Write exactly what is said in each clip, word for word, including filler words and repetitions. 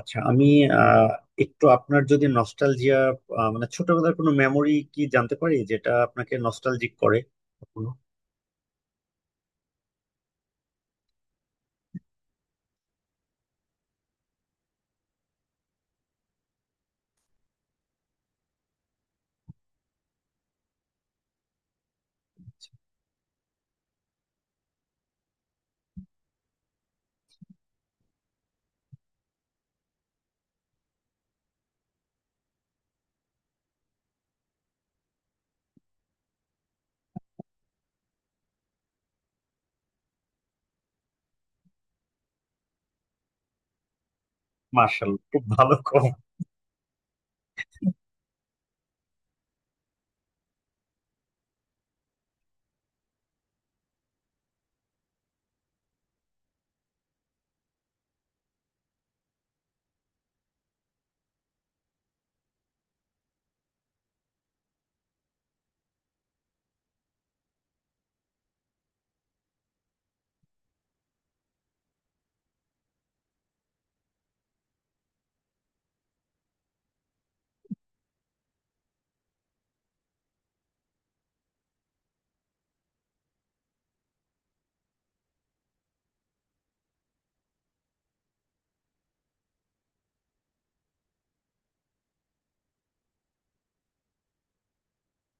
আচ্ছা, আমি আহ, একটু আপনার যদি নস্টালজিয়া মানে ছোটবেলার কোনো মেমোরি কি জানতে পারি যেটা আপনাকে নস্টালজিক করে কখনো? মার্শাল খুব ভালো কম।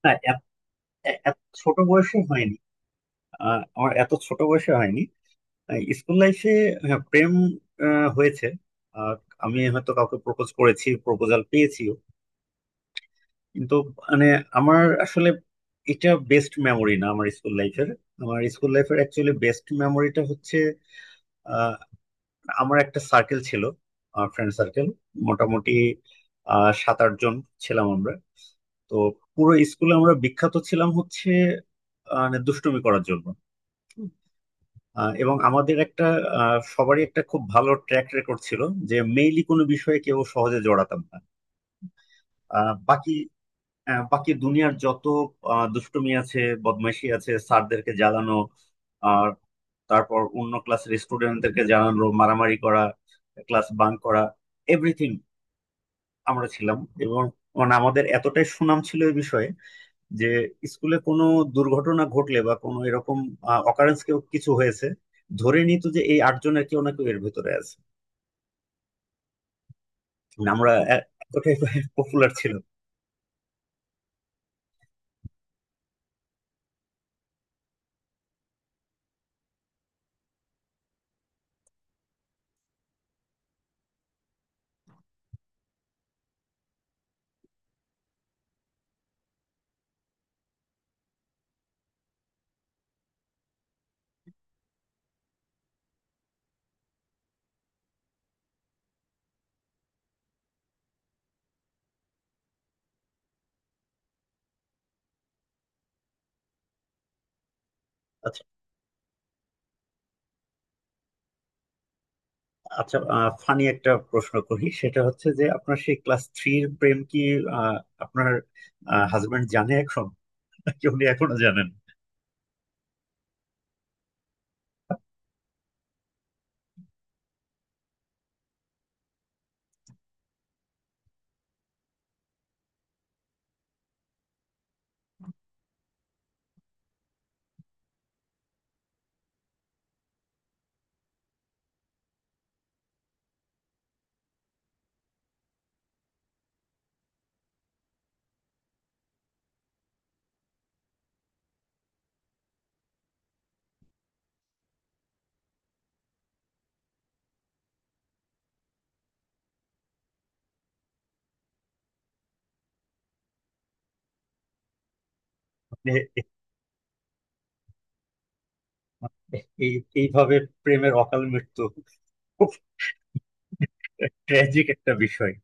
না, এত এ- এত ছোট বয়সে হয়নি। আহ, আমার এত ছোট বয়সে হয়নি। স্কুল লাইফে প্রেম আহ, হয়েছে। আর আমি হয়তো কাউকে প্রপোজ করেছি, প্রপোজাল পেয়েছিও, কিন্তু মানে আমার আসলে এটা বেস্ট মেমোরি না আমার স্কুল লাইফের। আমার স্কুল লাইফের অ্যাকচুয়ালি বেস্ট মেমোরিটা হচ্ছে আমার একটা সার্কেল ছিল, ফ্রেন্ড সার্কেল, মোটামুটি আহ, সাত আট জন ছিলাম আমরা। তো পুরো স্কুলে আমরা বিখ্যাত ছিলাম হচ্ছে আহ, মানে দুষ্টুমি করার জন্য। আহ, এবং আমাদের একটা আহ, সবারই একটা খুব ভালো ট্র্যাক রেকর্ড ছিল, যে মেইনলি কোনো বিষয়ে কেউ সহজে জড়াতাম না। আহ, বাকি আহ, বাকি দুনিয়ার যত আহ, দুষ্টুমি আছে, বদমাইশি আছে, স্যারদেরকে জ্বালানো, আর তারপর অন্য ক্লাসের স্টুডেন্টদেরকে জানানো, মারামারি করা, ক্লাস বাঙ্ক করা, এভরিথিং আমরা ছিলাম। এবং মানে আমাদের এতটাই সুনাম ছিল এই বিষয়ে যে স্কুলে কোনো দুর্ঘটনা ঘটলে বা কোনো এরকম অকারেন্স কেউ কিছু হয়েছে, ধরে নিত যে এই আটজনের কেউ না কেউ এর ভেতরে আছে। মানে আমরা এ- এতটাই পপুলার ছিল। আচ্ছা। আচ্ছা, ফানি একটা প্রশ্ন করি, সেটা হচ্ছে যে আপনার সেই ক্লাস থ্রির প্রেম কি আহ, আপনার হাজবেন্ড জানে এখন, নাকি উনি এখনো জানেন? আপনি এ- এ- এই এইভাবে প্রেমের অকাল মৃত্যু, খুব ট্র্যাজিক একটা বিষয়।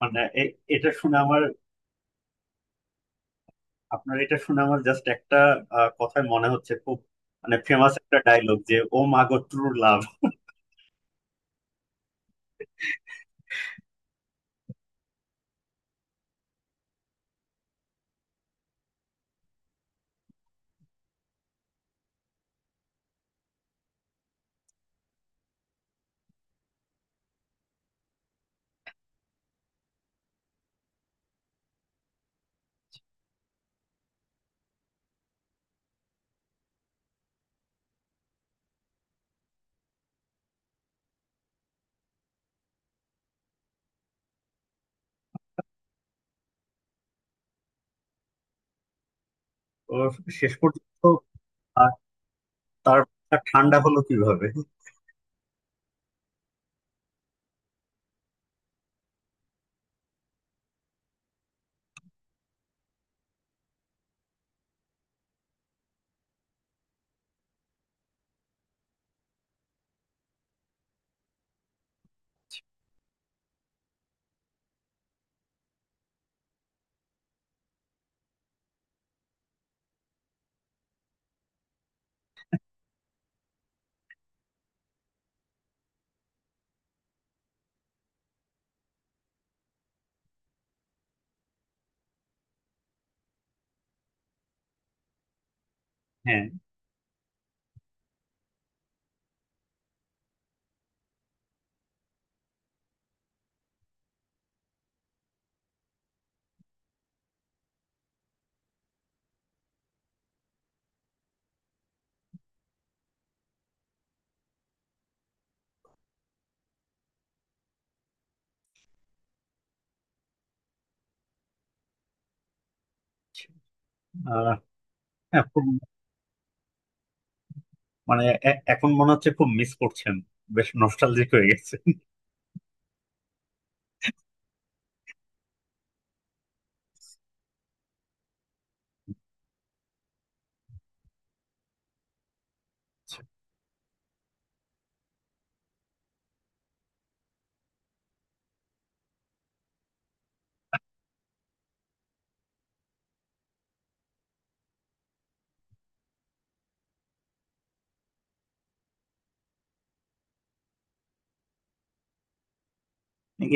মানে এ- এটা শুনে আমার আপনার এটা শুনে আমার জাস্ট একটা আহ, কথাই মনে হচ্ছে, খুব মানে ফেমাস একটা ডায়লগ, যে ও মাগো ট্রু লাভ। ও, শেষ পর্যন্ত আহ, তার মাথা ঠান্ডা হলো কিভাবে? হ্যাঁ। আহ, হ্যাঁ, খুব মানে এ- এখন মনে হচ্ছে খুব মিস করছেন, বেশ নস্টালজিক হয়ে গেছে।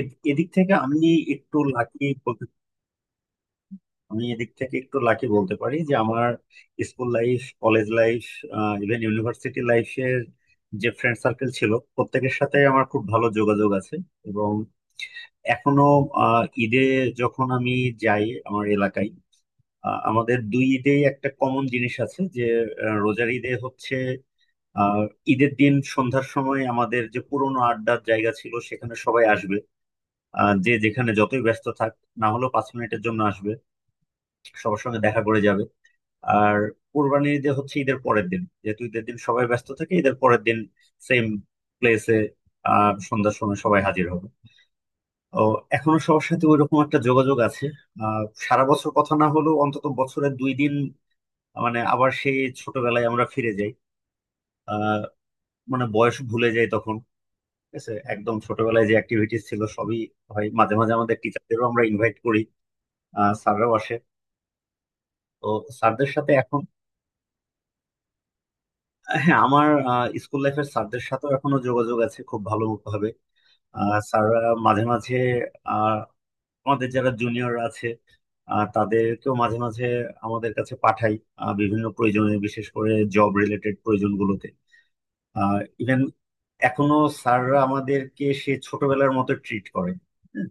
এ- এদিক থেকে আমি একটু লাকি বলতে আমি এদিক থেকে একটু লাকি বলতে পারি যে আমার school life, college life, even university লাইফের যে ফ্রেন্ড সার্কেল ছিল, প্রত্যেকের সাথে আমার খুব ভালো যোগাযোগ আছে। এবং এখনো আহ, ঈদে যখন আমি যাই আমার এলাকায়, আহ, আমাদের দুই ঈদেই একটা কমন জিনিস আছে, যে আহ, রোজার ঈদে হচ্ছে আহ ঈদের দিন সন্ধ্যার সময় আমাদের যে পুরোনো আড্ডার জায়গা ছিল সেখানে সবাই আসবে। আহ, যে যেখানে যতই ব্যস্ত থাক, না হলেও পাঁচ মিনিটের জন্য আসবে, সবার সঙ্গে দেখা করে যাবে। আর কোরবানির ঈদে হচ্ছে ঈদের পরের দিন, যেহেতু ঈদের দিন সবাই ব্যস্ত থাকে, ঈদের পরের দিন সেম প্লেসে আহ সন্ধ্যার সময় সবাই হাজির হবে। ও, এখনো সবার সাথে ওইরকম একটা যোগাযোগ আছে। আহ সারা বছর কথা না হলেও অন্তত বছরে দুই দিন মানে আবার সেই ছোটবেলায় আমরা ফিরে যাই, আহ মানে বয়স ভুলে যাই তখন। ঠিক আছে, একদম ছোটবেলায় যে অ্যাক্টিভিটিস ছিল সবই হয়, মাঝে মাঝে আমাদের টিচারদেরও আমরা ইনভাইট করি, আহ স্যাররাও আসে। তো স্যারদের সাথে এখন, হ্যাঁ, আমার স্কুল লাইফের স্যারদের সাথেও এখনো যোগাযোগ আছে খুব ভালো ভাবে। স্যাররা মাঝে মাঝে আহ, আমাদের যারা জুনিয়র আছে আহ, তাদেরকেও মাঝে মাঝে আমাদের কাছে পাঠাই, আহ, বিভিন্ন প্রয়োজনে, বিশেষ করে জব রিলেটেড প্রয়োজনগুলোতে। আর ইভেন এখনো স্যাররা আমাদেরকে সে ছোটবেলার মতো ট্রিট করে। হুম।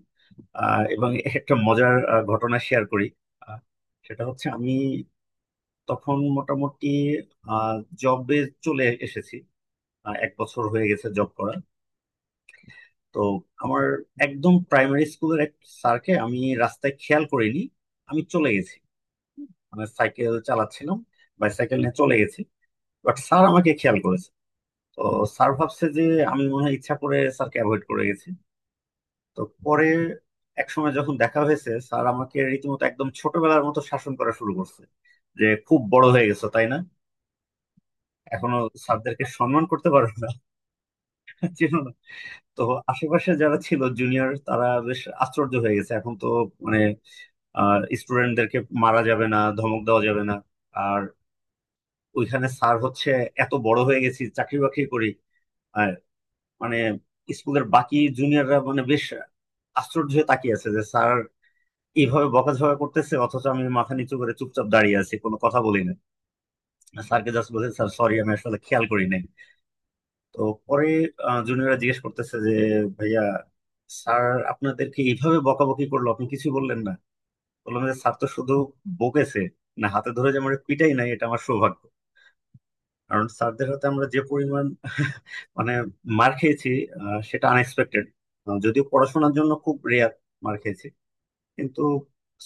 আহ, এবং একটা মজার আহ, ঘটনা শেয়ার করি। আহ, সেটা হচ্ছে আমি তখন মোটামুটি জবে চলে এসেছি, আহ, এক বছর হয়ে গেছে জব করা। তো আমার একদম প্রাইমারি স্কুলের এক স্যারকে আমি রাস্তায় খেয়াল করিনি, আমি চলে গেছি, মানে সাইকেল চালাচ্ছিলাম, বাইসাইকেল নিয়ে চলে গেছি, বাট স্যার আমাকে খেয়াল করেছে। তো স্যার ভাবছে যে আমি মনে হয় ইচ্ছা করে স্যারকে অ্যাভয়েড করে গেছি। তো পরে এক সময় যখন দেখা হয়েছে, স্যার আমাকে রীতিমতো একদম ছোটবেলার মতো শাসন করা শুরু করছে, যে খুব বড় হয়ে গেছো তাই না, এখনো স্যারদেরকে সম্মান করতে পারো না। চেনো। তো আশেপাশে যারা ছিল জুনিয়র, তারা বেশ আশ্চর্য হয়ে গেছে, এখন তো মানে স্টুডেন্টদেরকে মারা যাবে না, ধমক দেওয়া যাবে না, আর ওইখানে স্যার হচ্ছে, এত বড় হয়ে গেছি, চাকরি বাকরি করি, আর মানে স্কুলের বাকি জুনিয়ররা মানে বেশ আশ্চর্য হয়ে তাকিয়ে আছে যে স্যার এইভাবে বকাঝকা করতেছে অথচ আমি মাথা নিচু করে চুপচাপ দাঁড়িয়ে আছি, কোনো কথা বলি না। স্যারকে জাস্ট বলছি, স্যার সরি, আমি আসলে খেয়াল করি নাই। তো পরে জুনিয়ররা জিজ্ঞেস করতেছে, যে ভাইয়া, স্যার আপনাদেরকে এইভাবে বকাবকি করলো, আপনি কিছু বললেন না? বললাম যে স্যার তো শুধু বকেছে, না হাতে ধরে যে আমার পিটাই নাই, এটা আমার সৌভাগ্য। কারণ স্যারদের হাতে আমরা যে পরিমাণ মানে মার খেয়েছি, আহ, সেটা আনএক্সপেক্টেড, যদিও পড়াশোনার জন্য খুব রেয়ার মার খেয়েছি, কিন্তু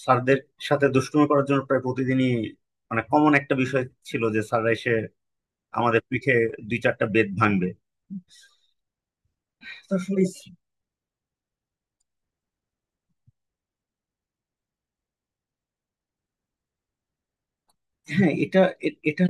স্যারদের সাথে দুষ্টুমি করার জন্য প্রায় প্রতিদিনই মানে কমন একটা বিষয় ছিল যে স্যাররা এসে আমাদের পিঠে দুই চারটা বেত ভাঙবে। তো আসলে হ্যাঁ, এটা এ- এটা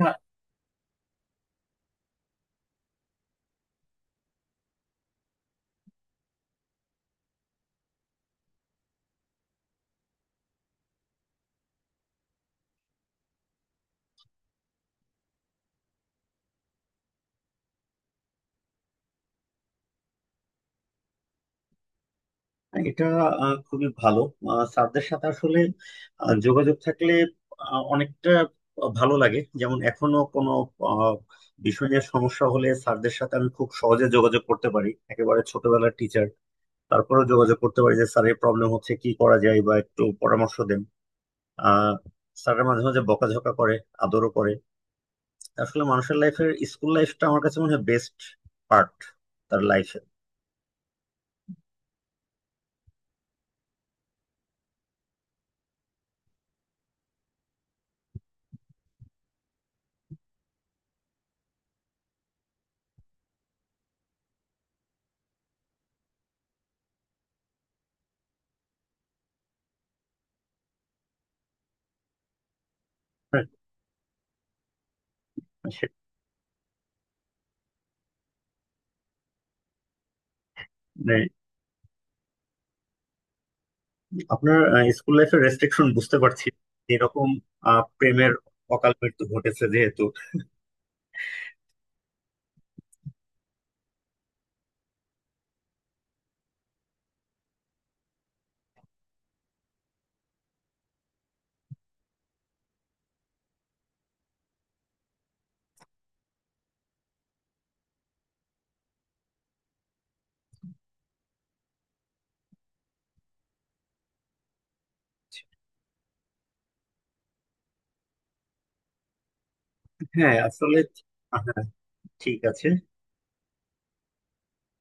এটা আহ, খুবই ভালো। আহ, স্যারদের সাথে আসলে আহ, যোগাযোগ থাকলে আহ, অনেকটা ভালো লাগে, যেমন এখনো কোনো আহ, বিষয় নিয়ে সমস্যা হলে স্যারদের সাথে আমি খুব সহজে যোগাযোগ করতে পারি, একেবারে ছোটবেলার টিচার, তারপরেও যোগাযোগ করতে পারি যে স্যারের প্রবলেম হচ্ছে, কি করা যায় বা একটু পরামর্শ দেন। আহ স্যারের মাঝে মাঝে বকাঝকা করে, আদরও করে। আসলে মানুষের লাইফের স্কুল লাইফটা আমার কাছে মনে হয় বেস্ট পার্ট তার লাইফের। আপনার স্কুল লাইফের রেস্ট্রিকশন বুঝতে পারছি। এরকম আহ, প্রেমের অকাল মৃত্যু ঘটেছে যেহেতু। হ্যাঁ আসলে। হ্যাঁ, ঠিক আছে।